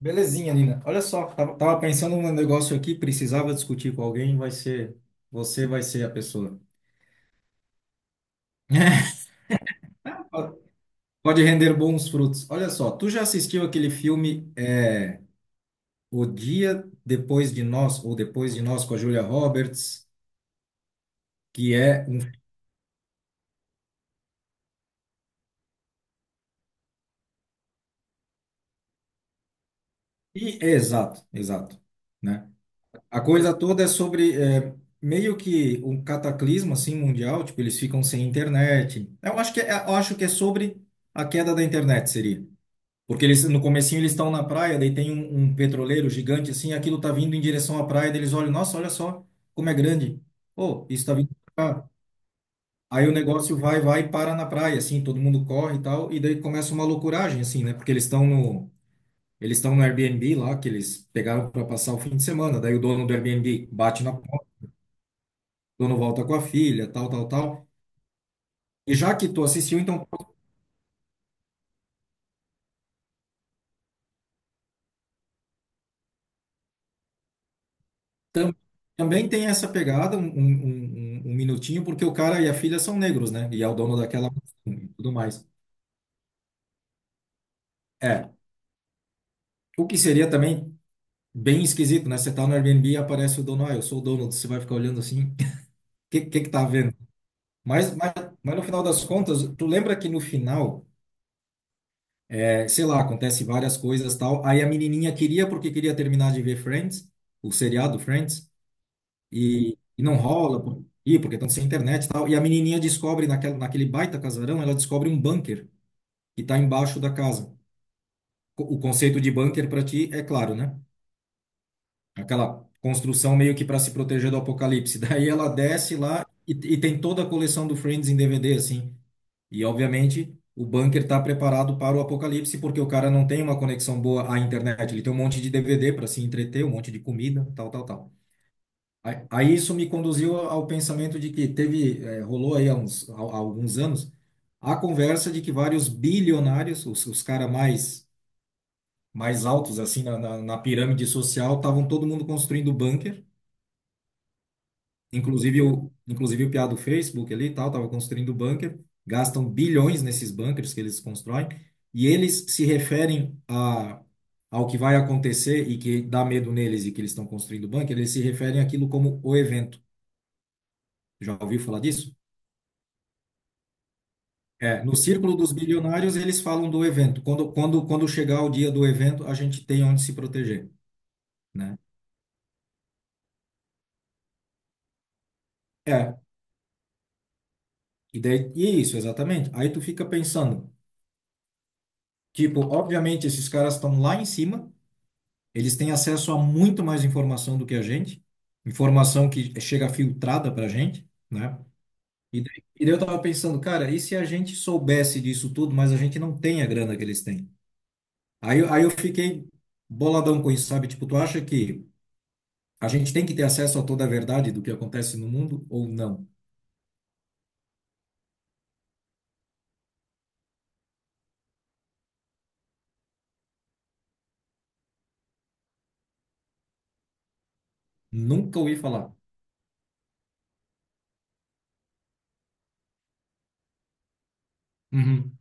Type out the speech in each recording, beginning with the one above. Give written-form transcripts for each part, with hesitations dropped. Belezinha, Nina. Olha só, tava pensando num negócio aqui, precisava discutir com alguém, você vai ser a pessoa. Pode render bons frutos. Olha só, tu já assistiu aquele filme, O Dia Depois de Nós, ou Depois de Nós, com a Julia Roberts, que é um... Exato, exato, né? A coisa toda é sobre, meio que um cataclismo, assim, mundial, tipo, eles ficam sem internet. Eu acho que é sobre a queda da internet, seria. Porque eles, no comecinho eles estão na praia, daí tem um petroleiro gigante assim, aquilo tá vindo em direção à praia, daí eles olham, nossa, olha só como é grande. Oh, isso tá vindo pra cá. Aí o negócio vai e para na praia, assim, todo mundo corre e tal, e daí começa uma loucuragem, assim, né? Porque eles estão no Airbnb lá, que eles pegaram para passar o fim de semana, daí o dono do Airbnb bate na porta, o dono volta com a filha, tal, tal, tal. E já que tu assistiu, então Tam- Também tem essa pegada, um minutinho, porque o cara e a filha são negros, né? E é o dono daquela mansão e tudo mais. É, o que seria também bem esquisito, né? Você tá no Airbnb e aparece o dono, ah, eu sou o dono, você vai ficar olhando assim, o que tá vendo. Mas, mas, mas no final das contas, tu lembra que no final, é, sei lá, acontece várias coisas tal, aí a menininha queria porque queria terminar de ver Friends, o seriado Friends, e não rola, porque estão sem internet e tal. E a menininha descobre, naquele baita casarão, ela descobre um bunker que está embaixo da casa. O conceito de bunker para ti é claro, né? Aquela construção meio que para se proteger do apocalipse. Daí ela desce lá e tem toda a coleção do Friends em DVD, assim. E, obviamente, o bunker está preparado para o apocalipse porque o cara não tem uma conexão boa à internet. Ele tem um monte de DVD para se entreter, um monte de comida, tal, tal, tal. Aí isso me conduziu ao pensamento de que teve, eh, rolou aí há alguns anos, a conversa de que vários bilionários, os caras mais altos assim na pirâmide social, estavam todo mundo construindo bunker, inclusive o piá do Facebook ali e tal, estava construindo bunker, gastam bilhões nesses bunkers que eles constroem, e eles se referem a, ao que vai acontecer e que dá medo neles e que eles estão construindo bunker, eles se referem àquilo como o evento. Já ouviu falar disso? É, no círculo dos bilionários, eles falam do evento. Quando chegar o dia do evento, a gente tem onde se proteger, né? É, e, daí, e é isso, exatamente. Aí tu fica pensando, tipo, obviamente esses caras estão lá em cima, eles têm acesso a muito mais informação do que a gente, informação que chega filtrada pra gente, né? E daí eu tava pensando, cara, e se a gente soubesse disso tudo, mas a gente não tem a grana que eles têm? Aí eu fiquei boladão com isso, sabe? Tipo, tu acha que a gente tem que ter acesso a toda a verdade do que acontece no mundo ou não? Nunca ouvi falar. Uhum.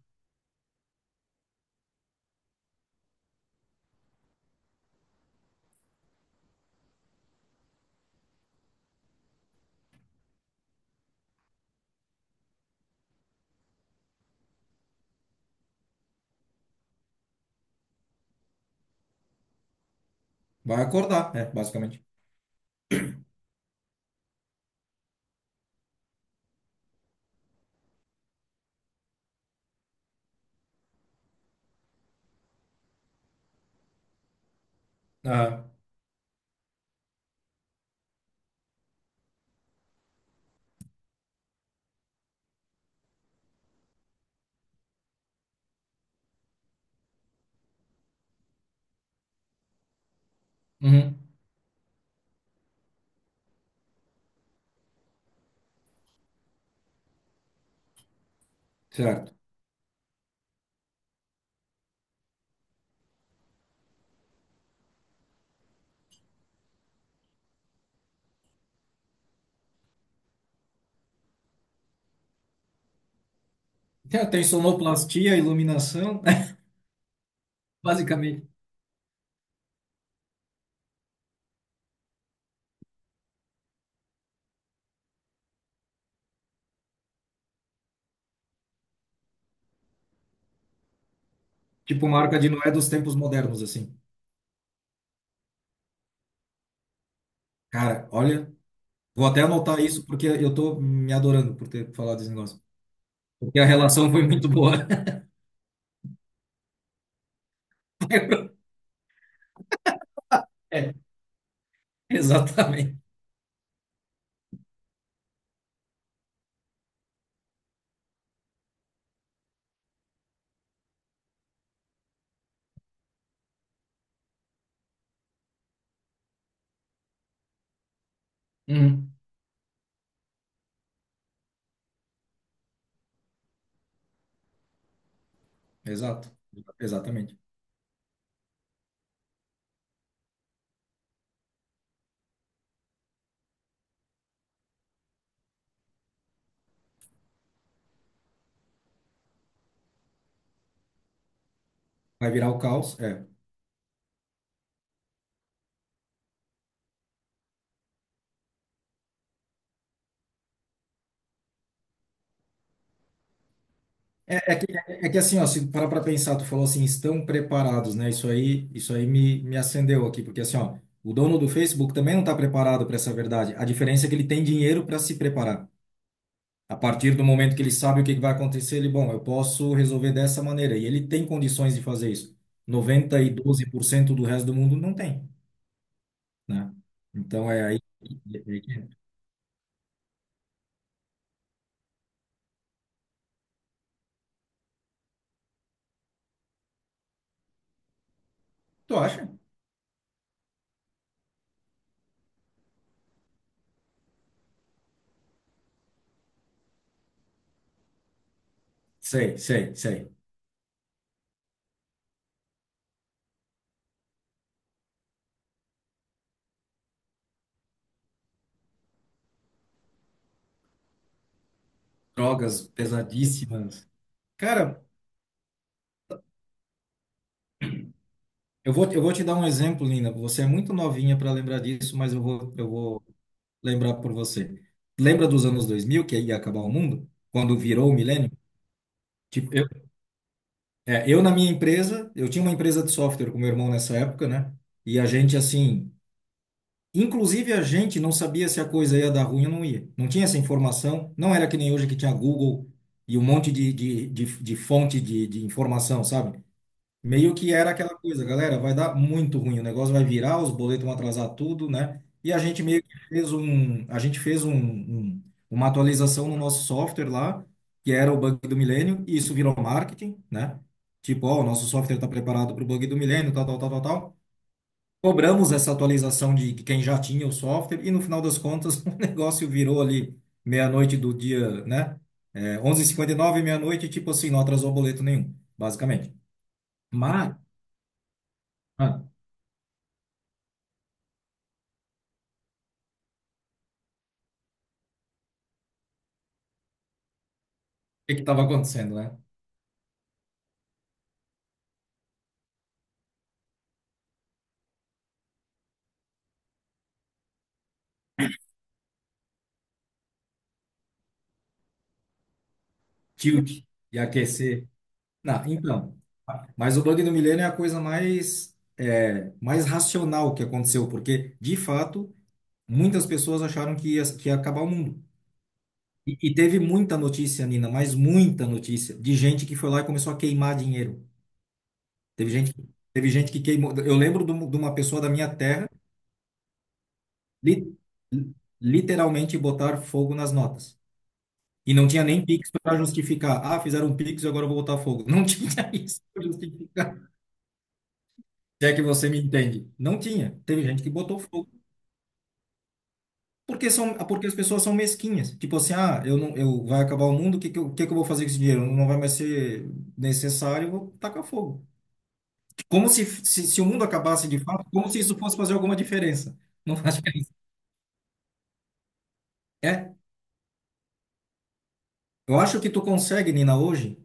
Vai acordar, é, basicamente. Ah, uhum. Certo. Tem sonoplastia, iluminação, basicamente. Tipo marca de Noé dos tempos modernos, assim. Cara, olha, vou até anotar isso porque eu tô me adorando por ter falado desse negócio. Porque a relação foi muito boa. É. Exatamente. Uhum. Exato. Exatamente. Vai virar o caos? É. É, é que, é que assim, ó, se parar para pensar, tu falou assim, estão preparados, né? Isso aí me acendeu aqui, porque assim, ó, o dono do Facebook também não está preparado para essa verdade. A diferença é que ele tem dinheiro para se preparar. A partir do momento que ele sabe o que que vai acontecer, ele, bom, eu posso resolver dessa maneira. E ele tem condições de fazer isso. Noventa e dois por cento do resto do mundo não tem, né? Então é aí. é aí que- Tu acha? Sei, sei, sei. Drogas pesadíssimas. Cara, eu vou te dar um exemplo, Lina. Você é muito novinha para lembrar disso, mas eu vou lembrar por você. Lembra dos anos 2000, que ia acabar o mundo? Quando virou o milênio? Tipo, eu, é, eu na minha empresa, eu tinha uma empresa de software com meu irmão nessa época, né? E a gente, assim, inclusive a gente não sabia se a coisa ia dar ruim ou não ia. Não tinha essa informação. Não era que nem hoje que tinha Google e um monte de fonte de informação, sabe? Meio que era aquela coisa, galera, vai dar muito ruim, o negócio vai virar, os boletos vão atrasar tudo, né? E a gente meio que fez um, a gente fez um, um- uma atualização no nosso software lá, que era o bug do milênio, e isso virou marketing, né? Tipo, ó, o nosso software está preparado para o bug do milênio, tal, tal, tal, tal, tal. Cobramos essa atualização de quem já tinha o software, e no final das contas, o negócio virou ali meia-noite do dia, né? É, 11h59, meia-noite, tipo assim, não atrasou boleto nenhum, basicamente. Mas. Que estava acontecendo, né? Tilt e aquecer. Não, então. Mas o bug do milênio é a coisa mais racional que aconteceu, porque, de fato, muitas pessoas acharam que ia acabar o mundo. E teve muita notícia, Nina, mas muita notícia, de gente que foi lá e começou a queimar dinheiro. Teve gente que queimou. Eu lembro de um- de uma pessoa da minha terra, li- literalmente botar fogo nas notas. E não tinha nem Pix para justificar. Ah, fizeram um Pix e agora eu vou botar fogo. Não tinha isso para justificar. Se é que você me entende. Não tinha. Teve gente que botou fogo. Porque as pessoas são mesquinhas. Tipo assim, ah, eu não, eu vai acabar o mundo, o que que eu vou fazer com esse dinheiro? Não vai mais ser necessário, eu vou tacar fogo. Como se o mundo acabasse de fato, como se isso fosse fazer alguma diferença. Não faz diferença. É Eu acho que tu consegue, Nina, hoje,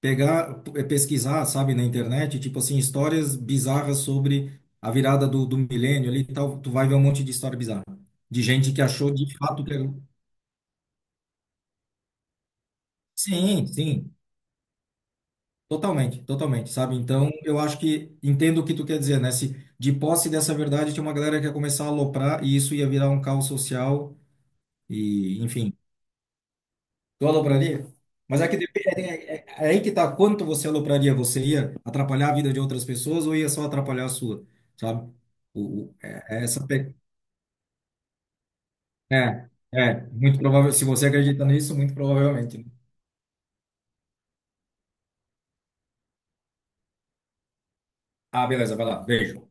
pegar, eh, pesquisar, sabe, na internet, tipo assim, histórias bizarras sobre a virada do milênio ali e tal. Tu vai ver um monte de história bizarra. De gente que achou de fato que era... Sim, sim, totalmente, totalmente, sabe? Então, eu acho que entendo o que tu quer dizer, né? Se de posse dessa verdade tinha uma galera que ia começar a aloprar e isso ia virar um caos social e, enfim, Tu alopraria? Mas é que depende, é aí que tá, quanto você alopraria, você ia atrapalhar a vida de outras pessoas ou ia só atrapalhar a sua, sabe? O, o- é, é essa pe- é, muito provável, se você acredita nisso, muito provavelmente. Né? Ah, beleza, vai lá, beijo.